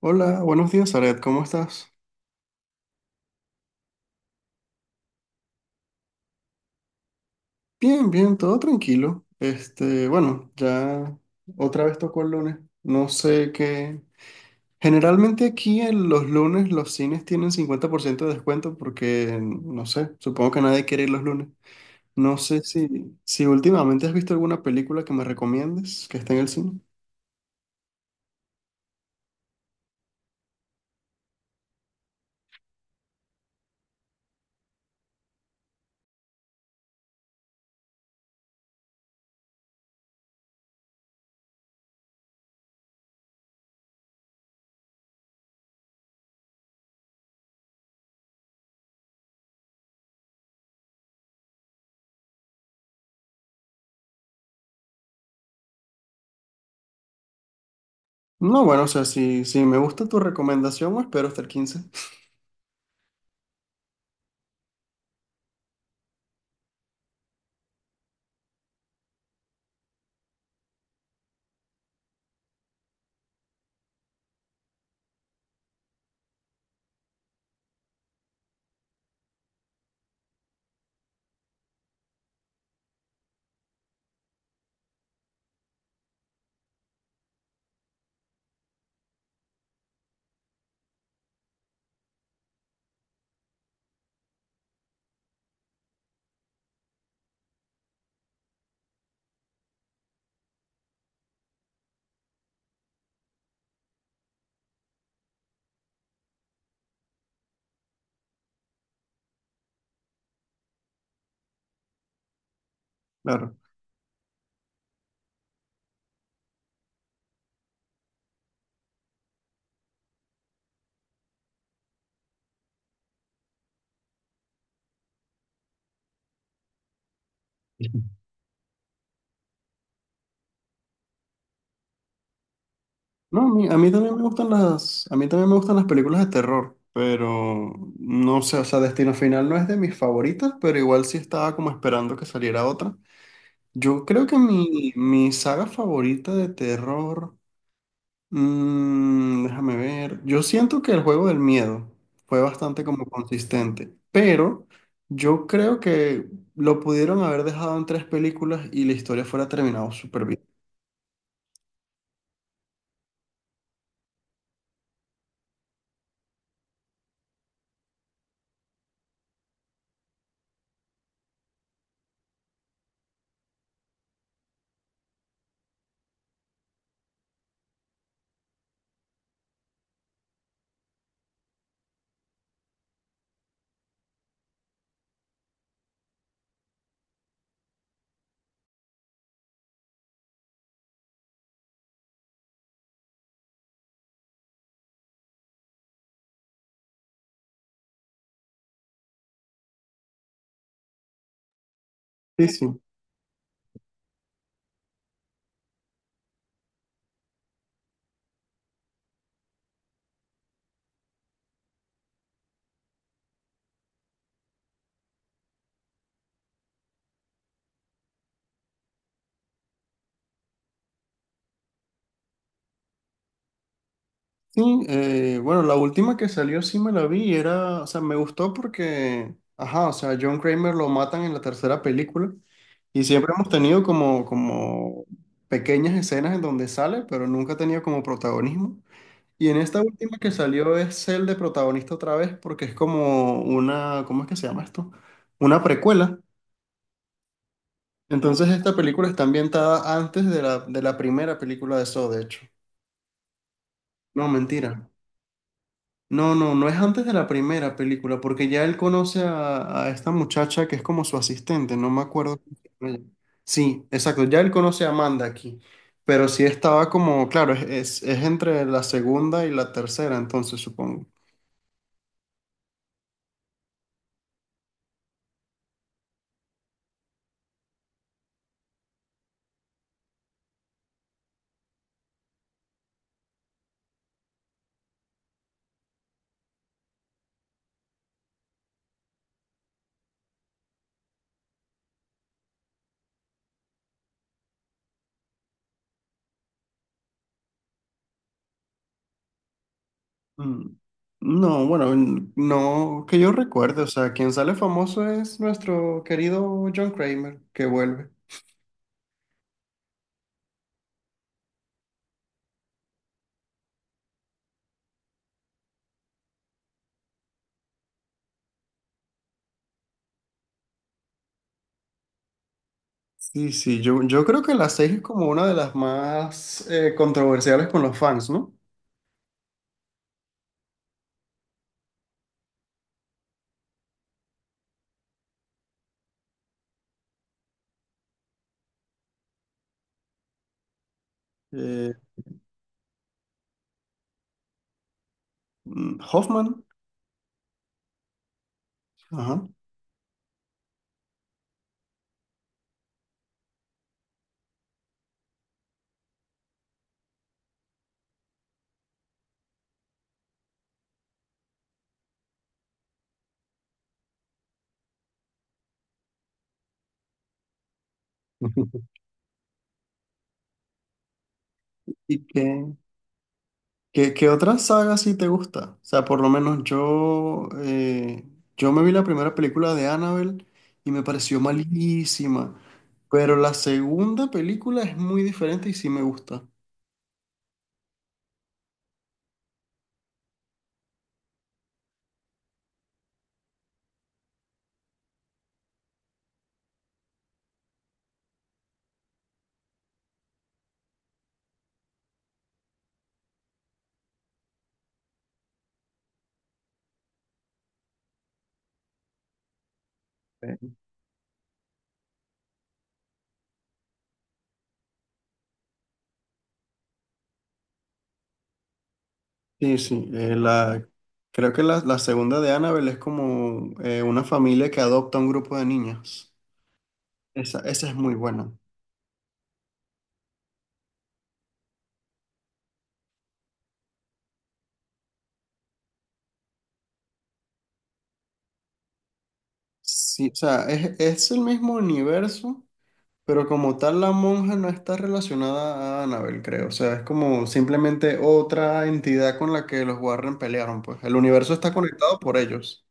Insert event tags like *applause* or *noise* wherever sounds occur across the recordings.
Hola, buenos días, Aret, ¿cómo estás? Bien, bien, todo tranquilo. Este, bueno, ya otra vez tocó el lunes. No sé qué. Generalmente aquí en los lunes los cines tienen 50% de descuento porque, no sé, supongo que nadie quiere ir los lunes. No sé si últimamente has visto alguna película que me recomiendes que esté en el cine. No, bueno, o sea, si me gusta tu recomendación, pues, espero hasta el 15. *laughs* Claro. No, a mí también me gustan las películas de terror, pero no sé, o sea, Destino Final no es de mis favoritas, pero igual sí estaba como esperando que saliera otra. Yo creo que mi saga favorita de terror, déjame ver, yo siento que el juego del miedo fue bastante como consistente, pero yo creo que lo pudieron haber dejado en tres películas y la historia fuera terminado súper bien. Sí, sí. Sí, bueno, la última que salió sí me la vi, y era, o sea, me gustó porque, ajá, o sea, John Kramer lo matan en la tercera película y siempre hemos tenido como pequeñas escenas en donde sale, pero nunca ha tenido como protagonismo. Y en esta última que salió es el de protagonista otra vez porque es como una, ¿cómo es que se llama esto? Una precuela. Entonces esta película está ambientada antes de la primera película de Saw, de hecho. No, mentira. No, no, no es antes de la primera película, porque ya él conoce a esta muchacha que es como su asistente, no me acuerdo cómo se llama ella. Sí, exacto, ya él conoce a Amanda aquí, pero sí estaba como, claro, es entre la segunda y la tercera, entonces supongo. Mm. No, bueno, no que yo recuerde, o sea, quien sale famoso es nuestro querido John Kramer, que vuelve. Sí, sí, yo creo que la seis es como una de las más controversiales con los fans, ¿no? Eh, Hoffman, ajá. *laughs* ¿Y qué, qué otra saga sí te gusta? O sea, por lo menos yo me vi la primera película de Annabelle y me pareció malísima, pero la segunda película es muy diferente y sí me gusta. Ok. Sí, sí, creo que la segunda de Annabelle es como una familia que adopta un grupo de niñas. Esa es muy buena. Sí, o sea, es el mismo universo, pero como tal, la monja no está relacionada a Annabelle, creo. O sea, es como simplemente otra entidad con la que los Warren pelearon, pues. El universo está conectado por ellos.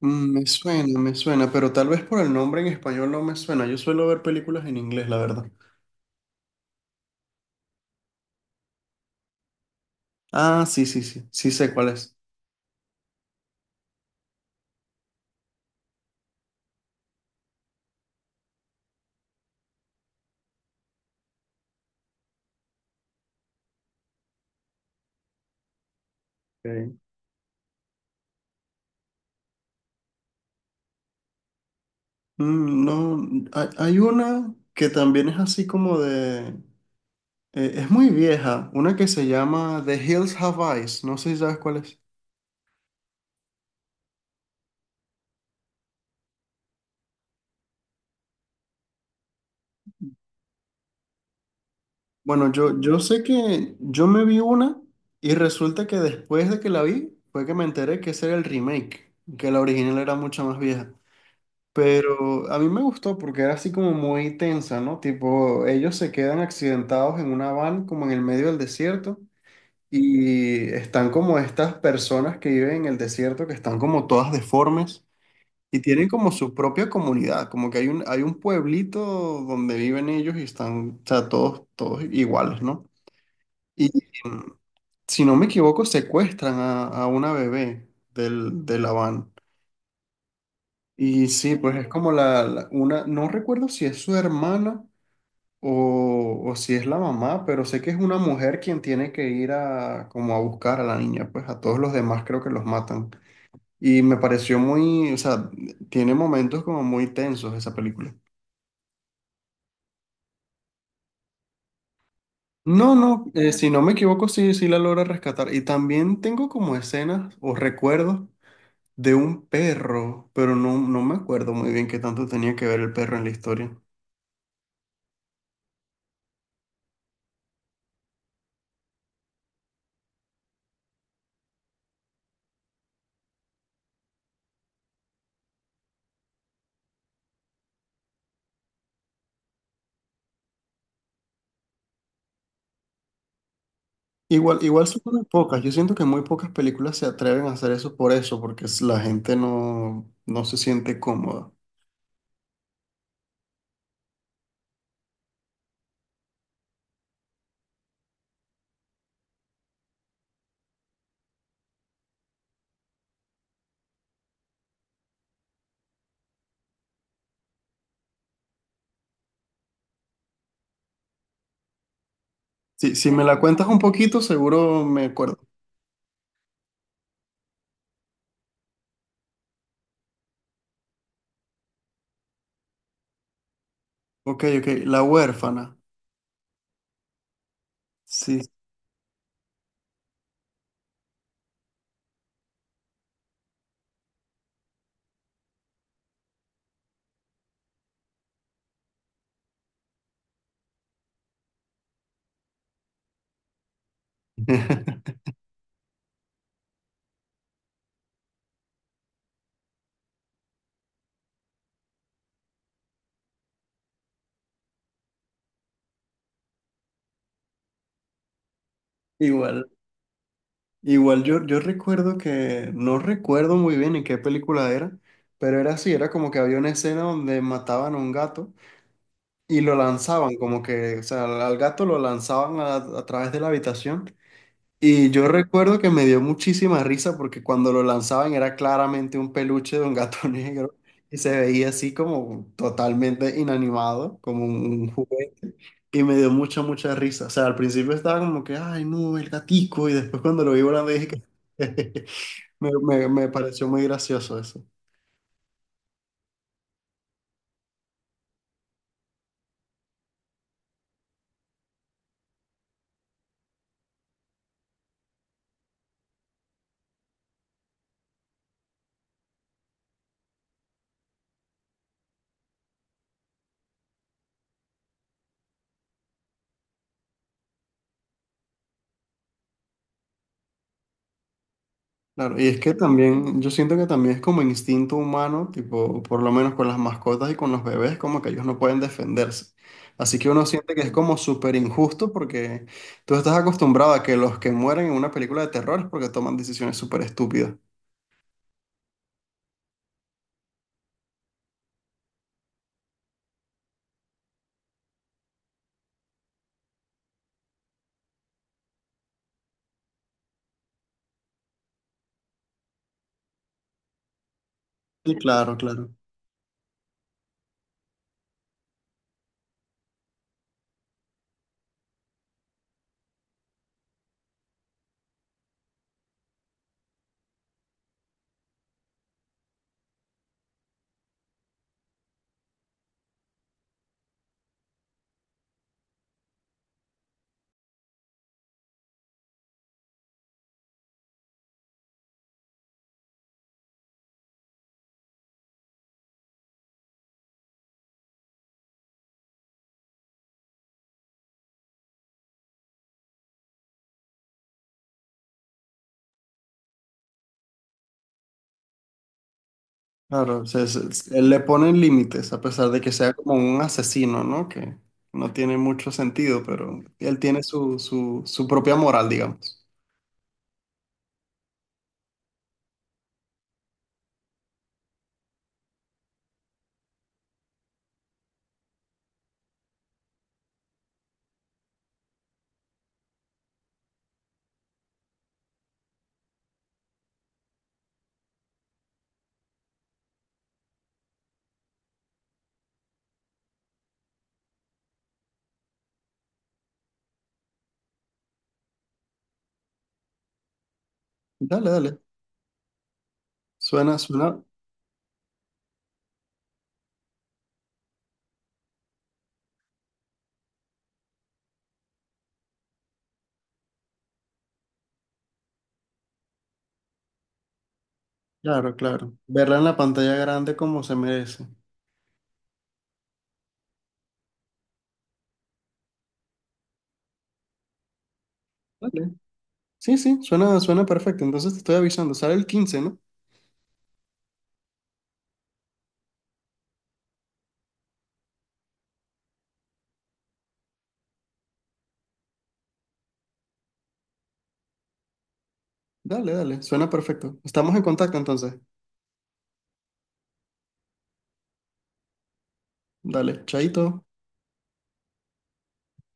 Me suena, pero tal vez por el nombre en español no me suena. Yo suelo ver películas en inglés, la verdad. Ah, sí, sí, sí. Sí sé cuál es. Ok. No, hay una que también es así como de, es muy vieja. Una que se llama The Hills Have Eyes. No sé si sabes cuál es. Bueno, yo sé que yo me vi una y resulta que después de que la vi fue que me enteré que ese era el remake, que la original era mucho más vieja. Pero a mí me gustó porque era así como muy tensa, ¿no? Tipo, ellos se quedan accidentados en una van como en el medio del desierto y están como estas personas que viven en el desierto que están como todas deformes y tienen como su propia comunidad, como que hay un pueblito donde viven ellos y están, o sea, todos, todos iguales, ¿no? Y mm, si no me equivoco, secuestran a una bebé de la van. Y sí, pues es como una, no recuerdo si es su hermana o si es la mamá, pero sé que es una mujer quien tiene que ir a como a buscar a la niña, pues a todos los demás creo que los matan. Y me pareció muy, o sea, tiene momentos como muy tensos esa película. No, no, si no me equivoco, sí, sí la logra rescatar. Y también tengo como escenas o recuerdos de un perro, pero no, no me acuerdo muy bien qué tanto tenía que ver el perro en la historia. Igual, igual son muy pocas. Yo siento que muy pocas películas se atreven a hacer eso por eso, porque la gente no, no se siente cómoda. Si me la cuentas un poquito, seguro me acuerdo. Ok, ok. La huérfana. Sí. *laughs* Igual. Igual yo recuerdo que, no recuerdo muy bien en qué película era, pero era así, era como que había una escena donde mataban a un gato. Y lo lanzaban, como que, o sea, al gato lo lanzaban a través de la habitación. Y yo recuerdo que me dio muchísima risa porque cuando lo lanzaban era claramente un peluche de un gato *laughs* negro y se veía así como totalmente inanimado, como un juguete. Y me dio mucha, mucha risa. O sea, al principio estaba como que, ay, no, el gatico. Y después cuando lo vi volando dije que *laughs* me pareció muy gracioso eso. Claro, y es que también, yo siento que también es como instinto humano, tipo, por lo menos con las mascotas y con los bebés, como que ellos no pueden defenderse. Así que uno siente que es como súper injusto porque tú estás acostumbrado a que los que mueren en una película de terror es porque toman decisiones súper estúpidas. Sí, claro, claro. Claro, le ponen límites, a pesar de que sea como un asesino, ¿no? Que no tiene mucho sentido, pero él tiene su propia moral, digamos. Dale, dale. Suena, suena. Claro, claro. Verla en la pantalla grande como se merece. Dale. Sí, sí, suena, suena perfecto. Entonces te estoy avisando. Sale el 15, ¿no? Dale, dale. Suena perfecto. Estamos en contacto entonces. Dale, chaito.